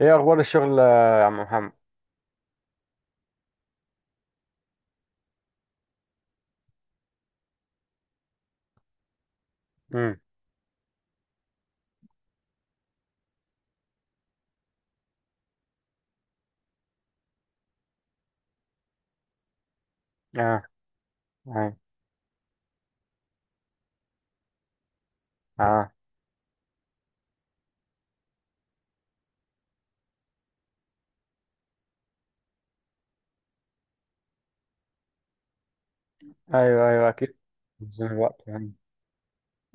ايه اخبار الشغل يا عم محمد؟ امم. اه. اه. اه. ايوه ايوه اكيد. من الوقت يعني.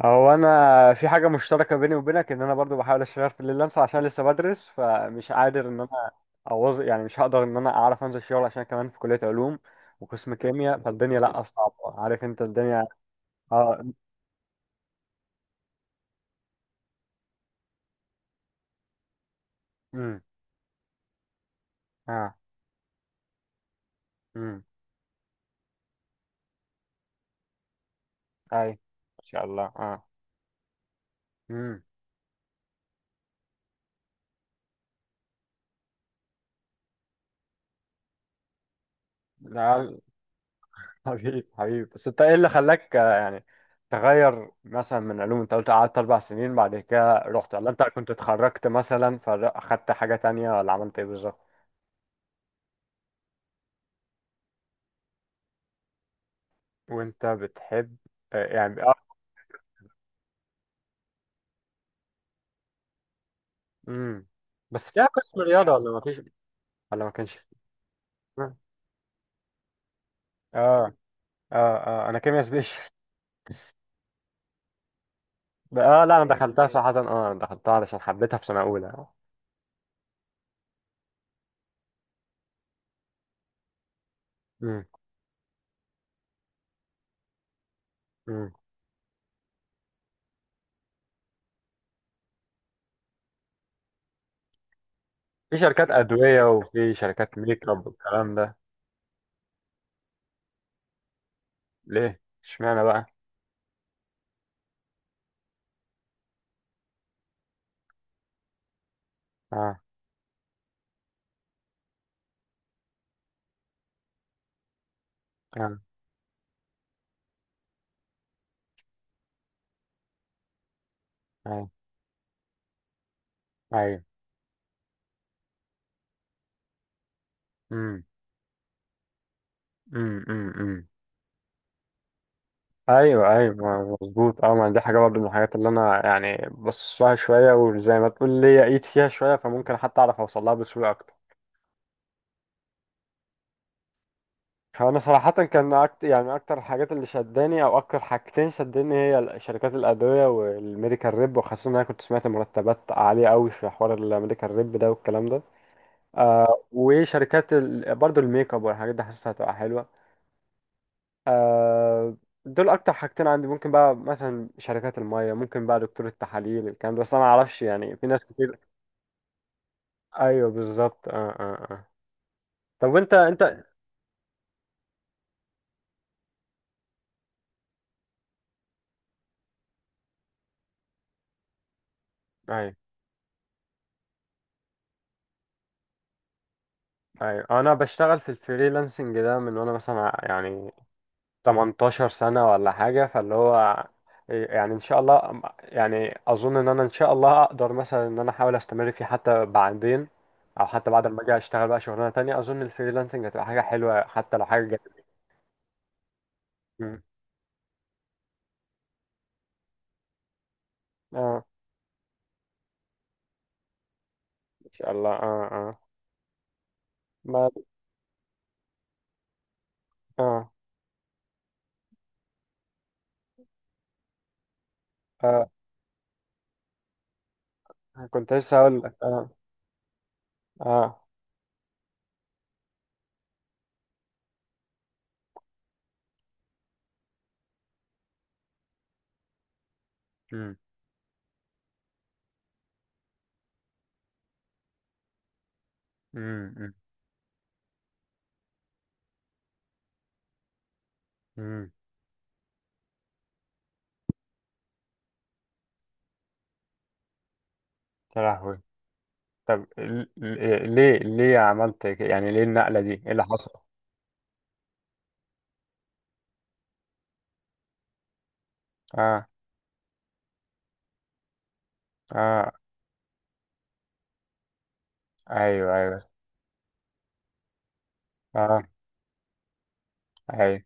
هو انا في حاجه مشتركه بيني وبينك، ان انا برضو بحاول اشتغل في الليلانس عشان لسه بدرس، فمش قادر ان انا اوظ، يعني مش هقدر ان انا اعرف انزل شغل عشان كمان في كليه علوم وقسم كيمياء، فالدنيا لا صعبه، عارف انت الدنيا. اه. امم. اه. امم. اي، ان شاء الله. اه. امم. حبيبي حبيبي، بس انت ايه اللي خلاك يعني تغير مثلا من علوم؟ انت قلت قعدت اربع سنين بعد كده رحت، ولا انت كنت اتخرجت مثلا فاخدت حاجة تانية، ولا عملت ايه بالظبط؟ وانت بتحب؟ يعني اه. امم. بس فيها قسم رياضة ولا ما فيش؟ ولا ما كانش فيه؟ اه. اه. اه انا كيميا سبيش. اه لا، انا دخلتها صراحة، اه انا دخلتها علشان حبيتها في سنة اولى. امم. امم. في شركات ادوية وفي شركات ميك اب والكلام ده. ليه اشمعنى بقى؟ اه. اه. آه. ايوه. امم أمم. ايوه ايوه مظبوط، اه، ما دي حاجه برضه من الحاجات اللي انا يعني بص لها شويه، وزي ما تقول ليا ايد فيها شويه، فممكن حتى اعرف اوصل لها بسهوله اكتر. هو انا صراحه كان أكتر، يعني اكتر الحاجات اللي شداني او اكتر حاجتين شدني هي شركات الادويه والميديكال ريب، وخاصه ان انا كنت سمعت مرتبات عاليه قوي في حوار الميديكال ريب ده والكلام ده. وشركات برضه الميك اب والحاجات دي، حاسسها هتبقى حلوه. آه، دول اكتر حاجتين عندي. ممكن بقى مثلا شركات المية، ممكن بقى دكتور التحاليل، الكلام ده، بس انا ما اعرفش، يعني في ناس كتير. ايوه بالظبط. اه اه اه. طب وانت انت ايوه ايوه، انا بشتغل في الفريلانسنج ده من وانا مثلا يعني 18 سنة ولا حاجة، فاللي هو يعني ان شاء الله، يعني اظن ان انا ان شاء الله اقدر مثلا ان انا احاول استمر فيه حتى بعدين، او حتى بعد ما اجي اشتغل بقى شغلانة تانية، اظن الفريلانسنج هتبقى حاجة حلوة حتى لو حاجة جانبية. مم. اه ان شاء الله. اه اه. ما اه اه كنت لسه هقول لك. اه. اه. امم امم امم أمم. يا لهوي. طب ليه عملت كده، يعني ليه النقلة دي، ايه اللي حصل؟ اه. اه. ايوه. ايوه. اه. ايوه.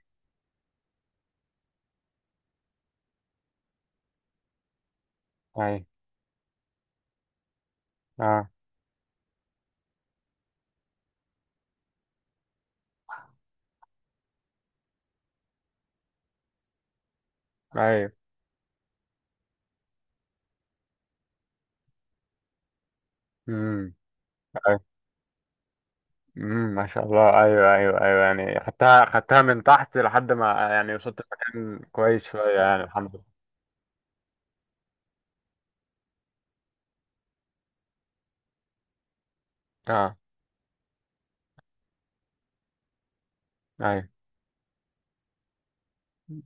ايوه. اه. ايوه. امم. ايوه. ما شاء الله، ايوه ايوه ايوه، يعني خدتها من تحت لحد ما يعني وصلت مكان كويس شوية، يعني الحمد لله. اه ايوه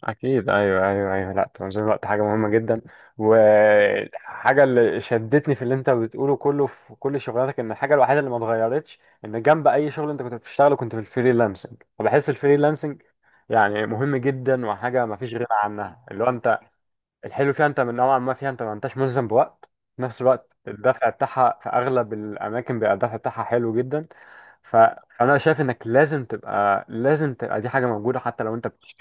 أكيد، أيوه أيوه أيوه، لأ تنظيم الوقت حاجة مهمة جدا. وحاجة اللي شدتني في اللي أنت بتقوله كله في كل شغلاتك إن الحاجة الوحيدة اللي ما اتغيرتش إن جنب أي شغل أنت كنت بتشتغله، كنت في الفريلانسنج، وبحس الفريلانسنج يعني مهم جدا، وحاجة ما فيش غنى عنها. اللي هو أنت الحلو فيها، أنت من نوعا ما فيها أنت ما أنتش ملزم بوقت، في نفس الوقت الدفع بتاعها في أغلب الأماكن بيبقى الدفع بتاعها حلو جدا. ف... فأنا شايف إنك لازم تبقى دي حاجة موجودة حتى لو أنت بتشتغل.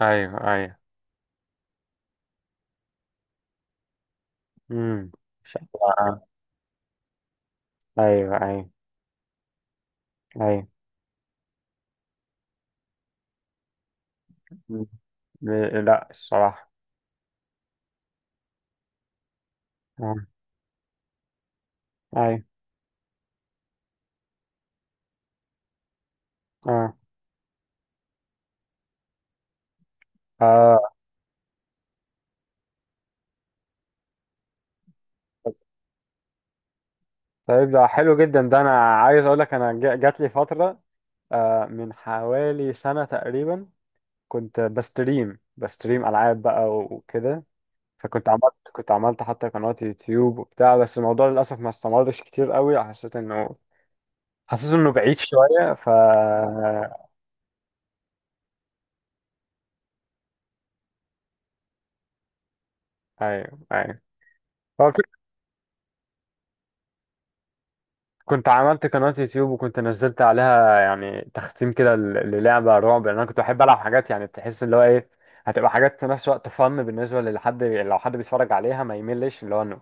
أيوه أيوه. امم شكلها. ايوه ايوه ايوه. مم. لا الصراحه. اه. ايوه. اه. اه. طيب ده حلو جدا، ده انا عايز اقول لك انا جات لي فتره، من حوالي سنه تقريبا كنت بستريم العاب بقى وكده، فكنت عملت كنت عملت حتى قناه يوتيوب وبتاع، بس الموضوع للاسف ما استمرش كتير قوي، حسيت انه بعيد شويه ايوه ايوه. هو كنت عملت قناة يوتيوب وكنت نزلت عليها يعني تختيم كده للعبة رعب، لأن أنا كنت بحب ألعب حاجات يعني تحس اللي هو إيه، هتبقى حاجات في نفس الوقت فن بالنسبة لحد، لو حد بيتفرج عليها ما يملش، اللي هو إنه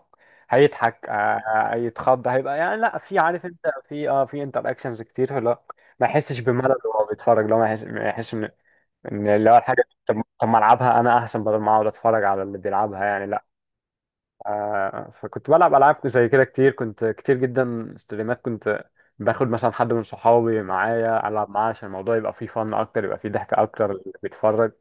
هيضحك، هيتخض، هيبقى يعني لا، في عارف أنت في أه في انتر أكشنز كتير اللي هو ما يحسش بملل وهو بيتفرج، اللي هو ما يحسش إن إن اللي هو الحاجة، طب طب ما ألعبها أنا أحسن بدل ما أقعد أتفرج على اللي بيلعبها، يعني لا. فكنت بلعب العاب زي كده كتير، كنت كتير جدا ستريمات، كنت باخد مثلا حد من صحابي معايا العب معاه عشان الموضوع يبقى فيه فن اكتر، يبقى فيه ضحك اكتر اللي بيتفرج.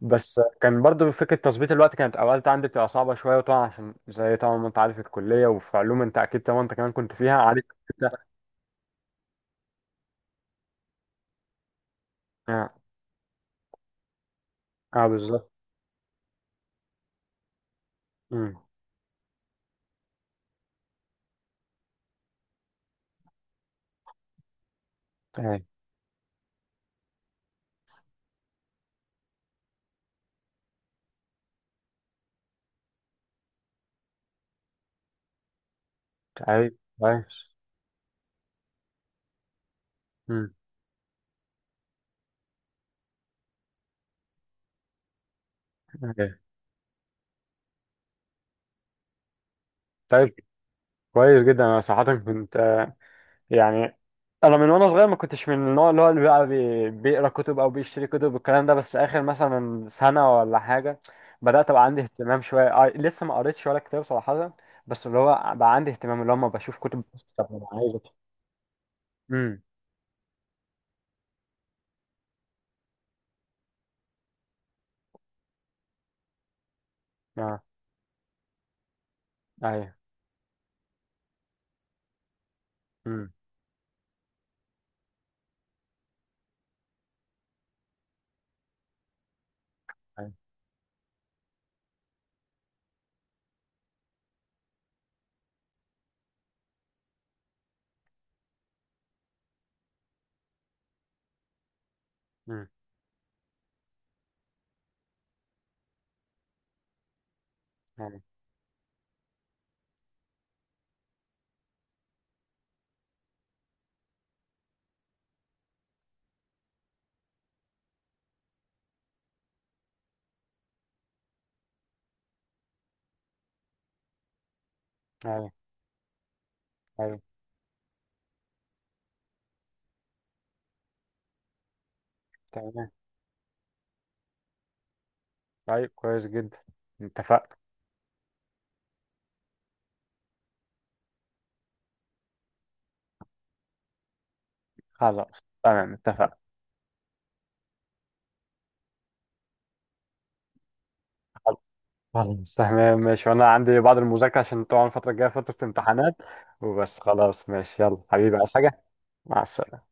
بس كان برضو فكره تظبيط الوقت كانت اوقات عندي بتبقى صعبه شويه، وطبعا عشان زي طبعا ما انت عارف الكليه، وفي علوم انت اكيد طبعا انت كمان كنت فيها عارف. انت. اه. آه بالظبط. امم. طيب طيب كويس. امم. أوكي. طيب كويس جدا، انا صراحه كنت يعني انا من وانا صغير ما كنتش من النوع اللي هو اللي بقى بيقرا كتب او بيشتري كتب والكلام ده، بس اخر مثلا سنه ولا حاجه بدات ابقى عندي اهتمام شويه، لسه ما قريتش ولا كتاب صراحه، بس اللي هو بقى عندي اهتمام اللي هو ما بشوف كتب بس، طب انا عايز امم. اه. ايوه. امم. ايوه. امم. ايوه ايوه ايوه تمام. طيب كويس جدا، اتفقنا. خلاص تمام اتفقنا. خلاص تمام ماشي، وانا عندي بعض المذاكرة عشان طبعا الفترة الجاية فترة امتحانات، وبس خلاص ماشي، يلا حبيبي عايز حاجة؟ مع السلامة.